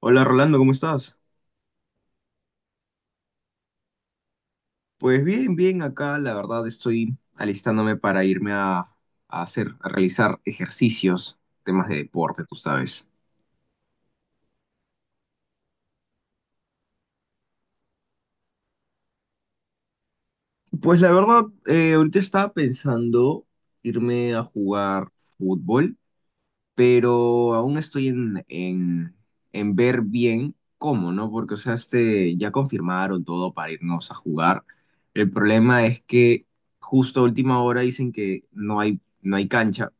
Hola Rolando, ¿cómo estás? Pues bien, bien, acá la verdad estoy alistándome para irme a realizar ejercicios, temas de deporte, tú sabes. Pues la verdad, ahorita estaba pensando irme a jugar fútbol pero aún estoy en ver bien cómo, ¿no? Porque, o sea, este, ya confirmaron todo para irnos a jugar. El problema es que justo a última hora dicen que no hay cancha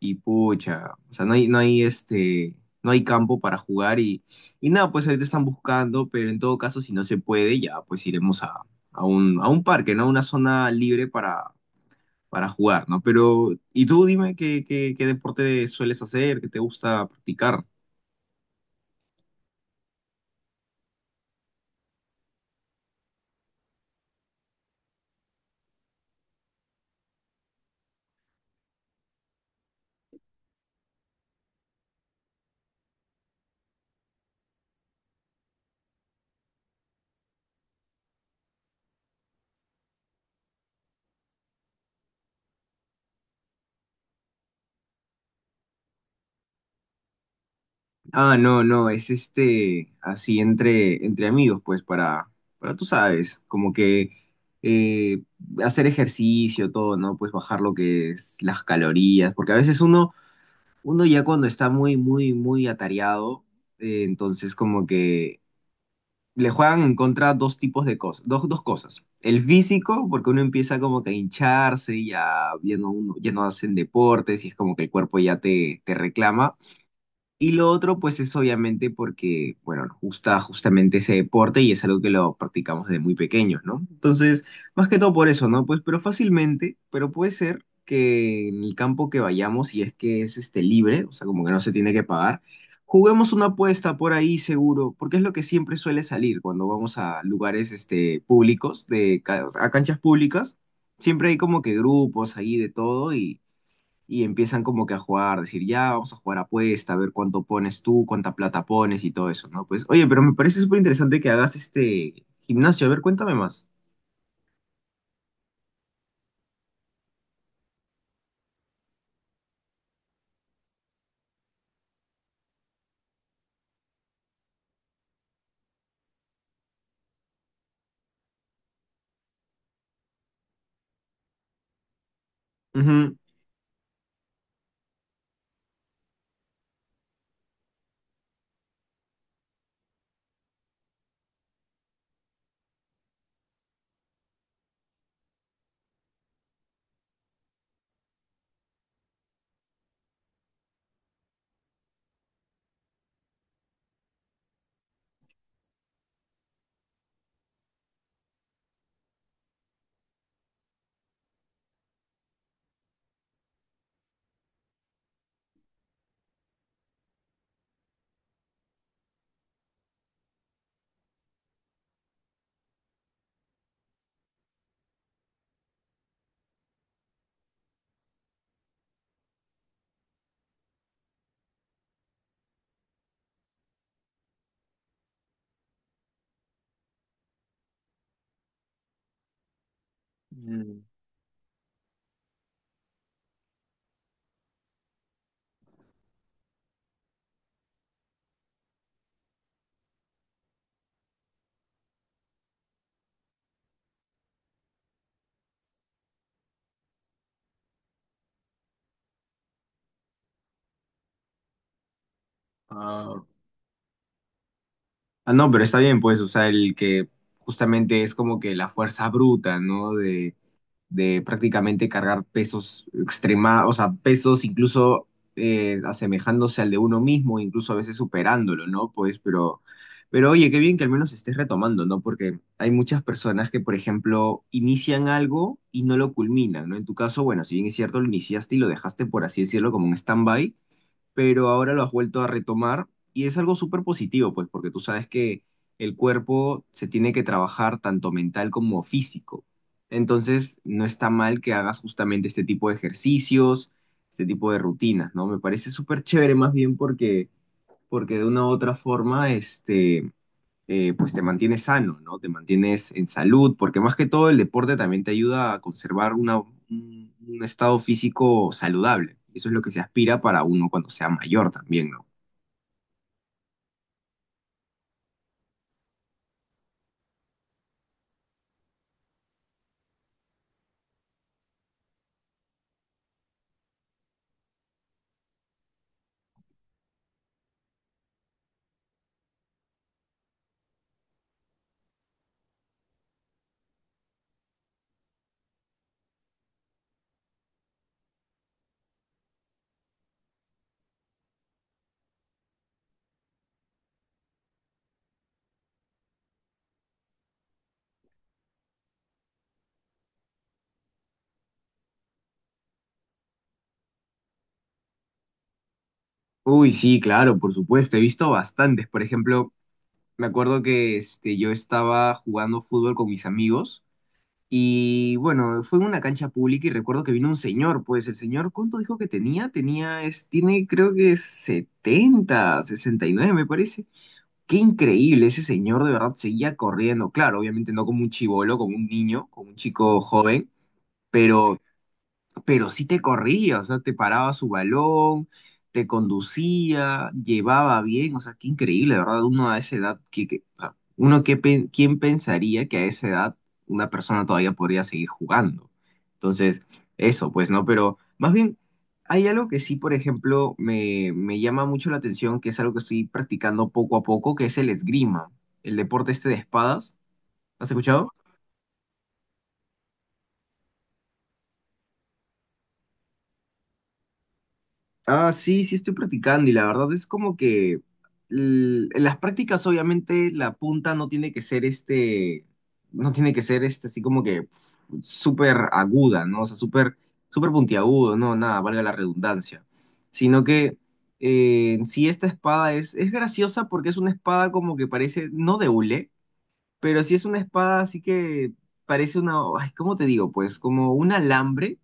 y pucha, o sea, no hay campo para jugar y nada, pues ahorita están buscando, pero en todo caso, si no se puede, ya pues iremos a un parque, ¿no? Una zona libre para jugar, ¿no? Pero, y tú dime qué deporte sueles hacer, qué te gusta practicar. Ah, no, no, es este, así entre amigos, pues para tú sabes, como que eh, hacer ejercicio, todo, ¿no? Pues bajar lo que es las calorías, porque a veces uno ya cuando está muy, muy, muy atareado, entonces como que le juegan en contra dos tipos de cosas, dos cosas. El físico, porque uno empieza como que a hincharse y ya, ya no, ya no hacen deportes y es como que el cuerpo ya te reclama. Y lo otro, pues es obviamente porque, bueno, nos gusta justamente ese deporte y es algo que lo practicamos desde muy pequeños, ¿no? Entonces, más que todo por eso, ¿no? Pues, pero fácilmente, pero puede ser que en el campo que vayamos, si es que es este libre, o sea, como que no se tiene que pagar, juguemos una apuesta por ahí seguro, porque es lo que siempre suele salir cuando vamos a lugares este, públicos, de, a canchas públicas, siempre hay como que grupos ahí de todo y empiezan como que a jugar, decir, ya, vamos a jugar apuesta, a ver cuánto pones tú, cuánta plata pones y todo eso, ¿no? Pues, oye, pero me parece súper interesante que hagas este gimnasio, a ver, cuéntame más. Ujú. Mm, ah, Ah, no, pero está bien, pues, o sea, el que justamente es como que la fuerza bruta, ¿no? De prácticamente cargar pesos extrema, o sea, pesos incluso asemejándose al de uno mismo, incluso a veces superándolo, ¿no? Pues, pero oye, qué bien que al menos estés retomando, ¿no? Porque hay muchas personas que, por ejemplo, inician algo y no lo culminan, ¿no? En tu caso, bueno, si bien es cierto, lo iniciaste y lo dejaste, por así decirlo, como un stand-by, pero ahora lo has vuelto a retomar y es algo súper positivo, pues, porque tú sabes que el cuerpo se tiene que trabajar tanto mental como físico. Entonces, no está mal que hagas justamente este tipo de ejercicios, este tipo de rutinas, ¿no? Me parece súper chévere más bien porque de una u otra forma, este, pues te mantienes sano, ¿no? Te mantienes en salud, porque más que todo el deporte también te ayuda a conservar un estado físico saludable. Eso es lo que se aspira para uno cuando sea mayor también, ¿no? Uy, sí, claro, por supuesto. He visto bastantes. Por ejemplo, me acuerdo que este, yo estaba jugando fútbol con mis amigos y bueno, fue en una cancha pública y recuerdo que vino un señor. Pues el señor, ¿cuánto dijo que tenía? Tiene creo que 70 69 me parece. Qué increíble, ese señor de verdad seguía corriendo. Claro, obviamente no como un chibolo, como un niño, como un chico joven, pero pero sí te corría, o sea, te paraba su balón, te conducía, llevaba bien, o sea, qué increíble, de ¿verdad? Uno a esa edad, o sea, uno que, ¿quién pensaría que a esa edad una persona todavía podría seguir jugando? Entonces, eso, pues, ¿no? Pero más bien, hay algo que sí, por ejemplo, me llama mucho la atención, que es algo que estoy practicando poco a poco, que es el esgrima, el deporte este de espadas. ¿Has escuchado? Ah, sí, sí estoy practicando y la verdad es como que en las prácticas obviamente la punta no tiene que ser este, no tiene que ser este así como que súper aguda, ¿no? O sea, súper, súper puntiagudo, no, nada, valga la redundancia. Sino que en sí esta espada es graciosa porque es una espada como que parece, no de hule, pero sí es una espada así que parece una, ay, ¿cómo te digo? Pues como un alambre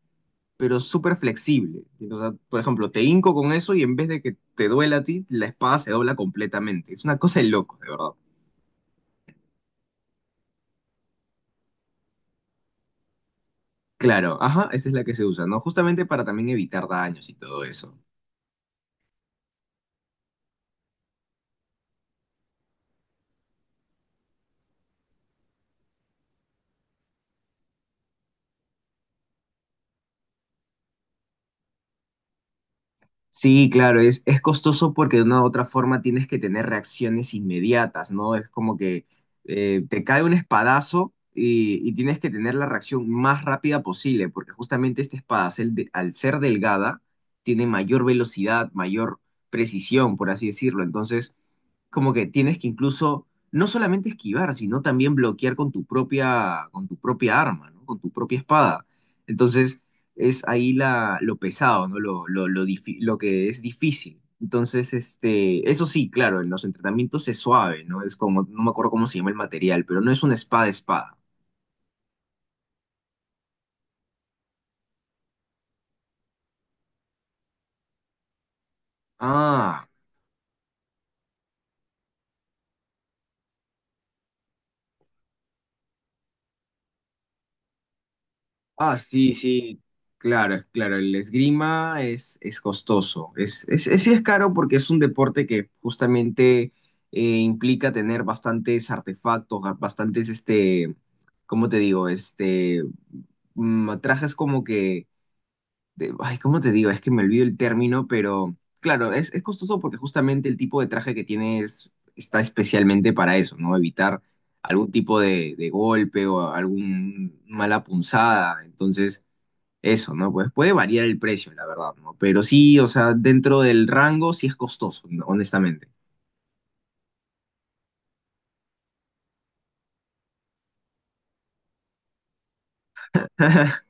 pero súper flexible. O sea, por ejemplo, te hinco con eso y en vez de que te duela a ti, la espada se dobla completamente. Es una cosa de loco, de verdad. Claro, ajá, esa es la que se usa, ¿no? Justamente para también evitar daños y todo eso. Sí, claro, es costoso porque de una u otra forma tienes que tener reacciones inmediatas, ¿no? Es como que te cae un espadazo y tienes que tener la reacción más rápida posible, porque justamente este espadacel, de- al ser delgada, tiene mayor velocidad, mayor precisión, por así decirlo. Entonces, como que tienes que incluso no solamente esquivar, sino también bloquear con tu propia, arma, ¿no? Con tu propia espada. Entonces, es ahí lo pesado, ¿no? Lo que es difícil. Entonces, este, eso sí, claro, en los entrenamientos es suave, ¿no? Es como, no me acuerdo cómo se llama el material, pero no es una espada espada. Ah, ah, sí, sí. Claro, es claro, el esgrima es costoso. Sí es caro porque es un deporte que justamente implica tener bastantes artefactos, bastantes, este, ¿cómo te digo? Este, trajes como que ay, ¿cómo te digo? Es que me olvido el término, pero claro, es costoso porque justamente el tipo de traje que tienes está especialmente para eso, ¿no? Evitar algún tipo de golpe o algún mala punzada. Entonces, eso, ¿no? Pues puede variar el precio, la verdad, ¿no? Pero sí, o sea, dentro del rango sí es costoso, ¿no? honestamente.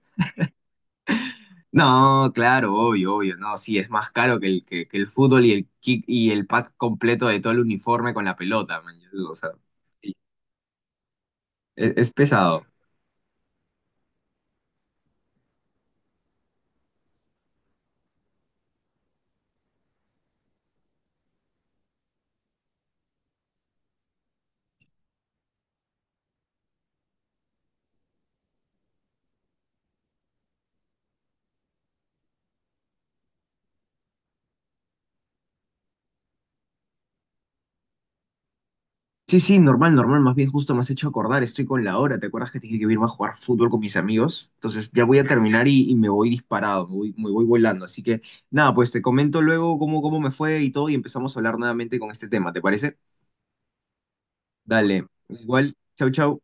No, claro, obvio, obvio, no, sí, es más caro que el, que el fútbol y el kick y el pack completo de todo el uniforme con la pelota, man. O sea, sí, es pesado. Sí, sí, normal, normal, más bien justo me has hecho acordar, estoy con la hora, ¿te acuerdas que te dije que iba a jugar fútbol con mis amigos? Entonces ya voy a terminar y me voy disparado, me voy volando, así que nada, pues te comento luego cómo me fue y todo y empezamos a hablar nuevamente con este tema, ¿te parece? Dale, igual, chau, chau.